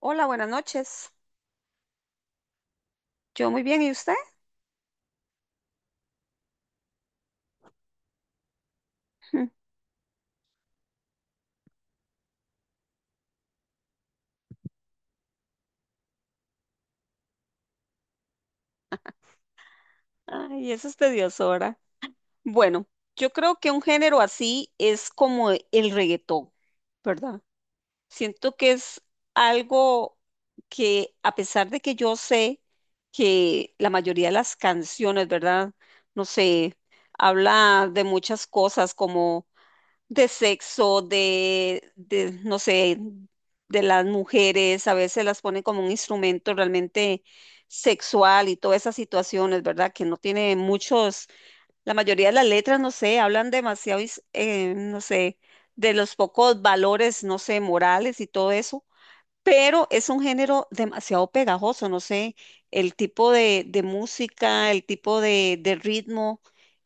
Hola, buenas noches. Yo muy bien, ¿y usted? Ay, eso es tedioso, ¿verdad? Bueno, yo creo que un género así es como el reggaetón, ¿verdad? Siento que es algo que, a pesar de que yo sé que la mayoría de las canciones, ¿verdad? No sé, habla de muchas cosas como de sexo, no sé, de las mujeres, a veces las ponen como un instrumento realmente sexual y todas esas situaciones, ¿verdad? Que no tiene muchos, la mayoría de las letras, no sé, hablan demasiado, no sé, de los pocos valores, no sé, morales y todo eso pero es un género demasiado pegajoso, no sé, el tipo de música, el tipo de ritmo,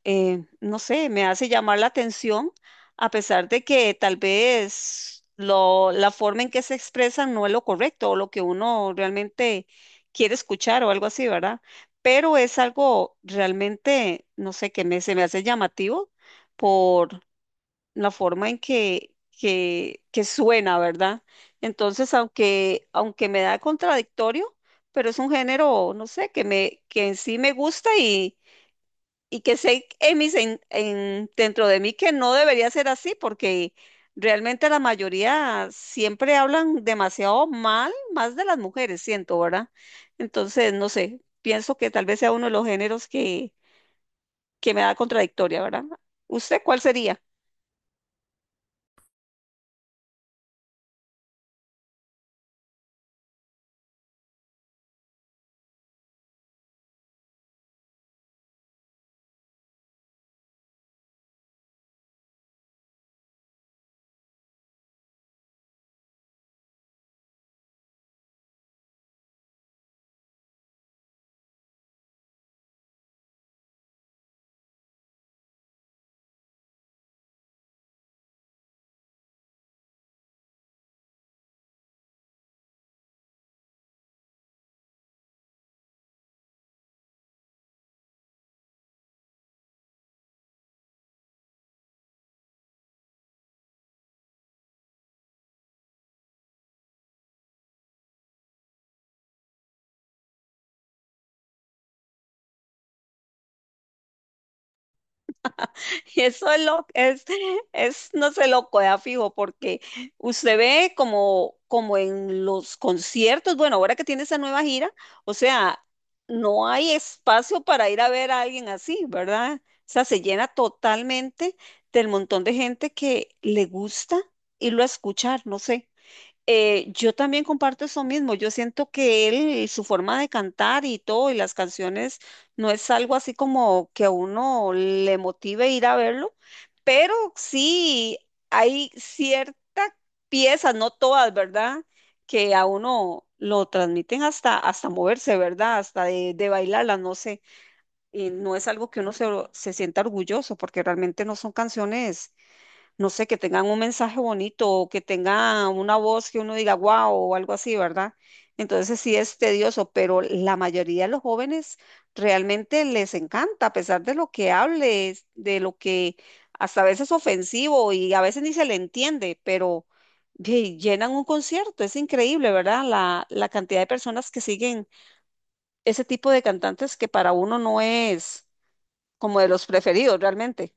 no sé, me hace llamar la atención, a pesar de que tal vez lo, la forma en que se expresan no es lo correcto o lo que uno realmente quiere escuchar o algo así, ¿verdad? Pero es algo realmente, no sé, que me, se me hace llamativo la forma en que, que suena, ¿verdad? Entonces, aunque me da contradictorio, pero es un género, no sé, que me, que en sí me gusta y que sé en mis, dentro de mí que no debería ser así, porque realmente la mayoría siempre hablan demasiado mal, más de las mujeres, siento, ¿verdad? Entonces, no sé, pienso que tal vez sea uno de los géneros que me da contradictoria, ¿verdad? ¿Usted cuál sería? Y eso es lo es no sé, loco, ya fijo, porque usted ve como, como en los conciertos, bueno, ahora que tiene esa nueva gira, o sea, no hay espacio para ir a ver a alguien así, ¿verdad? O sea, se llena totalmente del montón de gente que le gusta irlo a escuchar, no sé. Yo también comparto eso mismo. Yo siento que él, su forma de cantar y todo, y las canciones, no es algo así como que a uno le motive ir a verlo, pero sí hay ciertas piezas, no todas, ¿verdad? Que a uno lo transmiten hasta, hasta moverse, ¿verdad? Hasta de bailarlas, no sé. Y no es algo que uno se, se sienta orgulloso, porque realmente no son canciones no sé, que tengan un mensaje bonito o que tengan una voz que uno diga wow o algo así, ¿verdad? Entonces sí es tedioso, pero la mayoría de los jóvenes realmente les encanta, a pesar de lo que hables, de lo que hasta a veces ofensivo y a veces ni se le entiende, pero llenan un concierto, es increíble, ¿verdad? La cantidad de personas que siguen ese tipo de cantantes que para uno no es como de los preferidos realmente.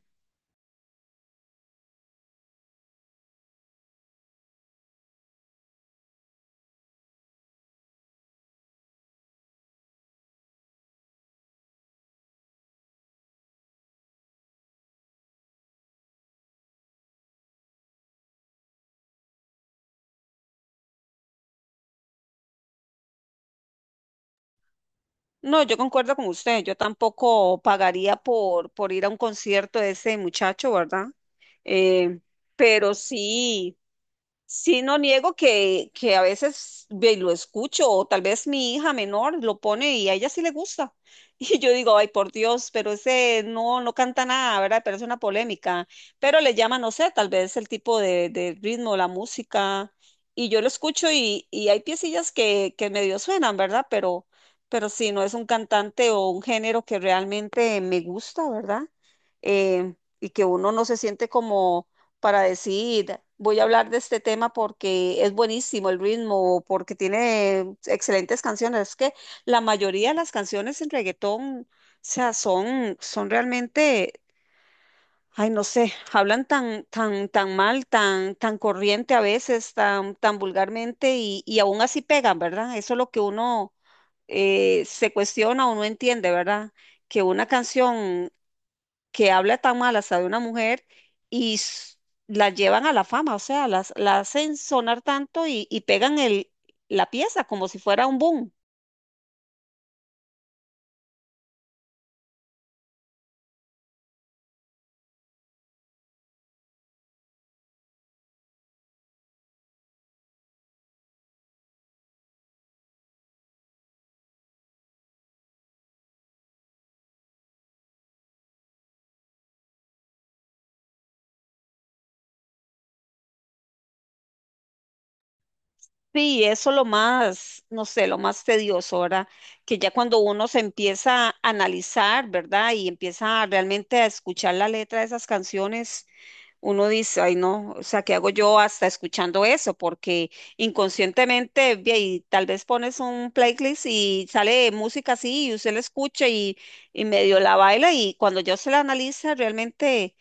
No, yo concuerdo con usted. Yo tampoco pagaría por ir a un concierto de ese muchacho, ¿verdad? Eh, pero sí. Sí, no niego que a veces lo escucho, o tal vez mi hija menor lo pone y a ella sí le gusta. Y yo digo, ay, por Dios, pero ese no, no canta nada, ¿verdad? Pero es una polémica. Pero le llama, no sé, tal vez el tipo de ritmo, la música. Y yo lo escucho y hay piecillas que medio suenan, ¿verdad? Pero sí, no es un cantante o un género que realmente me gusta, ¿verdad? Eh, y que uno no se siente como para decir, voy a hablar de este tema porque es buenísimo el ritmo, porque tiene excelentes canciones. Es que la mayoría de las canciones en reggaetón, o sea, son, son realmente, ay, no sé, hablan tan, tan, tan mal, tan, tan corriente a veces, tan, tan vulgarmente y aún así pegan, ¿verdad? Eso es lo que uno se cuestiona o no entiende, ¿verdad? Que una canción que habla tan mal hasta de una mujer y s- la llevan a la fama, o sea, las, la hacen sonar tanto y pegan el, la pieza como si fuera un boom. Sí, eso lo más, no sé, lo más tedioso, ¿verdad? Que ya cuando uno se empieza a analizar, ¿verdad? Y empieza realmente a escuchar la letra de esas canciones. Uno dice, ay no, o sea, ¿qué hago yo hasta escuchando eso? Porque inconscientemente, ve ahí, tal vez pones un playlist y sale música así y usted la escucha y medio la baila y cuando ya se la analiza, realmente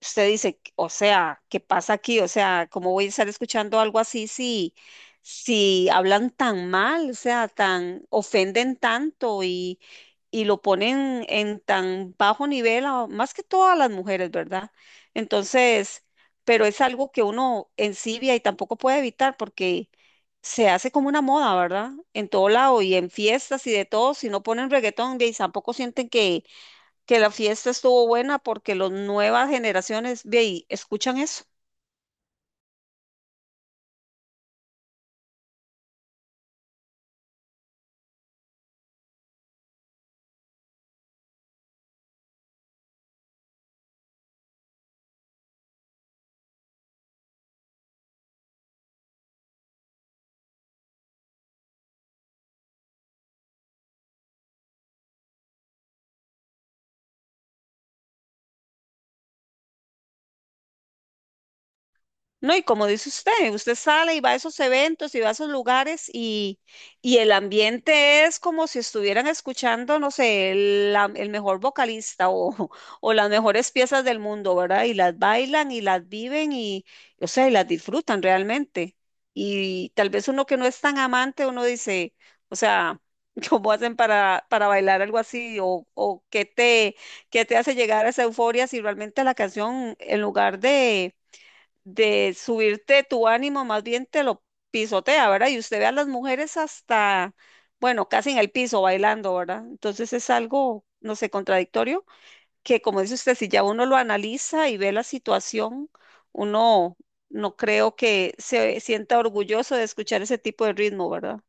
usted dice, o sea, ¿qué pasa aquí? O sea, ¿cómo voy a estar escuchando algo así si, si hablan tan mal, o sea, tan, ofenden tanto y lo ponen en tan bajo nivel, más que todas las mujeres, ¿verdad? Entonces, pero es algo que uno ensibia y tampoco puede evitar porque se hace como una moda, ¿verdad? En todo lado y en fiestas y de todo, si no ponen reggaetón, de ahí tampoco sienten que la fiesta estuvo buena porque las nuevas generaciones de ahí escuchan eso. No, y como dice usted, usted sale y va a esos eventos y va a esos lugares y el ambiente es como si estuvieran escuchando, no sé, el mejor vocalista o, o las mejores piezas del mundo, ¿verdad? Y las bailan y las viven y, o sea, y las disfrutan realmente. Y tal vez uno que no es tan amante, uno dice, o sea, ¿cómo hacen para bailar algo así? O qué te hace llegar a esa euforia si realmente la canción, en lugar de subirte tu ánimo, más bien te lo pisotea, ¿verdad? Y usted ve a las mujeres hasta, bueno, casi en el piso bailando, ¿verdad? Entonces es algo, no sé, contradictorio, que como dice usted, si ya uno lo analiza y ve la situación, uno no creo que se sienta orgulloso de escuchar ese tipo de ritmo, ¿verdad?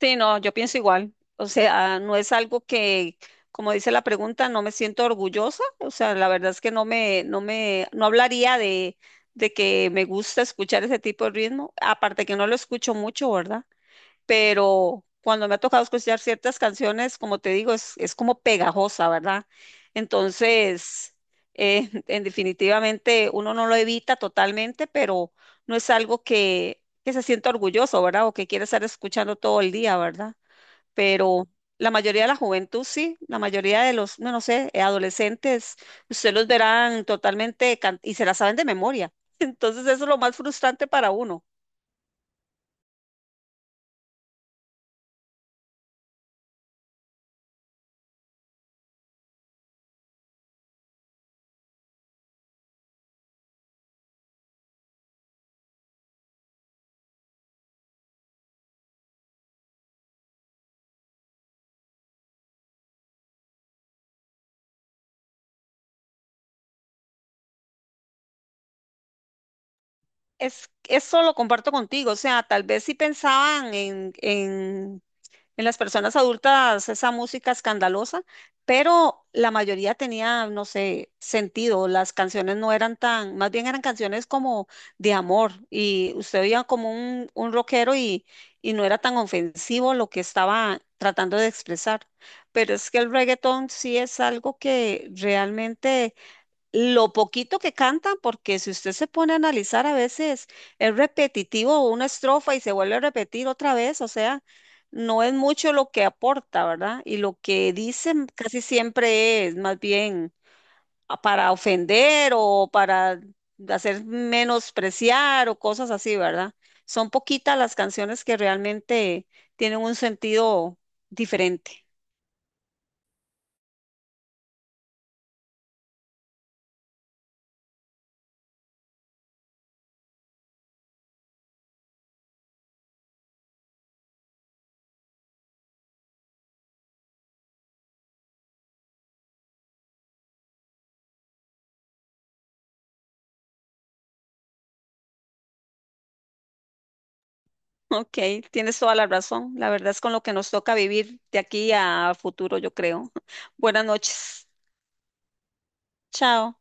Sí, no, yo pienso igual. O sea, no es algo que, como dice la pregunta, no me siento orgullosa. O sea, la verdad es que no me, no me, no hablaría de que me gusta escuchar ese tipo de ritmo. Aparte que no lo escucho mucho, ¿verdad? Pero cuando me ha tocado escuchar ciertas canciones, como te digo, es como pegajosa, ¿verdad? Entonces, en definitivamente uno no lo evita totalmente, pero no es algo que se sienta orgulloso, ¿verdad? O que quiere estar escuchando todo el día, ¿verdad? Pero la mayoría de la juventud sí, la mayoría de los, no, no sé, adolescentes, usted los verán totalmente y se la saben de memoria. Entonces, eso es lo más frustrante para uno. Es, eso lo comparto contigo, o sea, tal vez si pensaban en las personas adultas esa música escandalosa, pero la mayoría tenía, no sé, sentido, las canciones no eran tan, más bien eran canciones como de amor y usted oía como un rockero y no era tan ofensivo lo que estaba tratando de expresar, pero es que el reggaetón sí es algo que realmente lo poquito que cantan, porque si usted se pone a analizar a veces es repetitivo una estrofa y se vuelve a repetir otra vez, o sea, no es mucho lo que aporta, ¿verdad? Y lo que dicen casi siempre es más bien ah, para ofender o para hacer menospreciar o cosas así, ¿verdad? Son poquitas las canciones que realmente tienen un sentido diferente. Ok, tienes toda la razón. La verdad es con lo que nos toca vivir de aquí a futuro, yo creo. Buenas noches. Chao.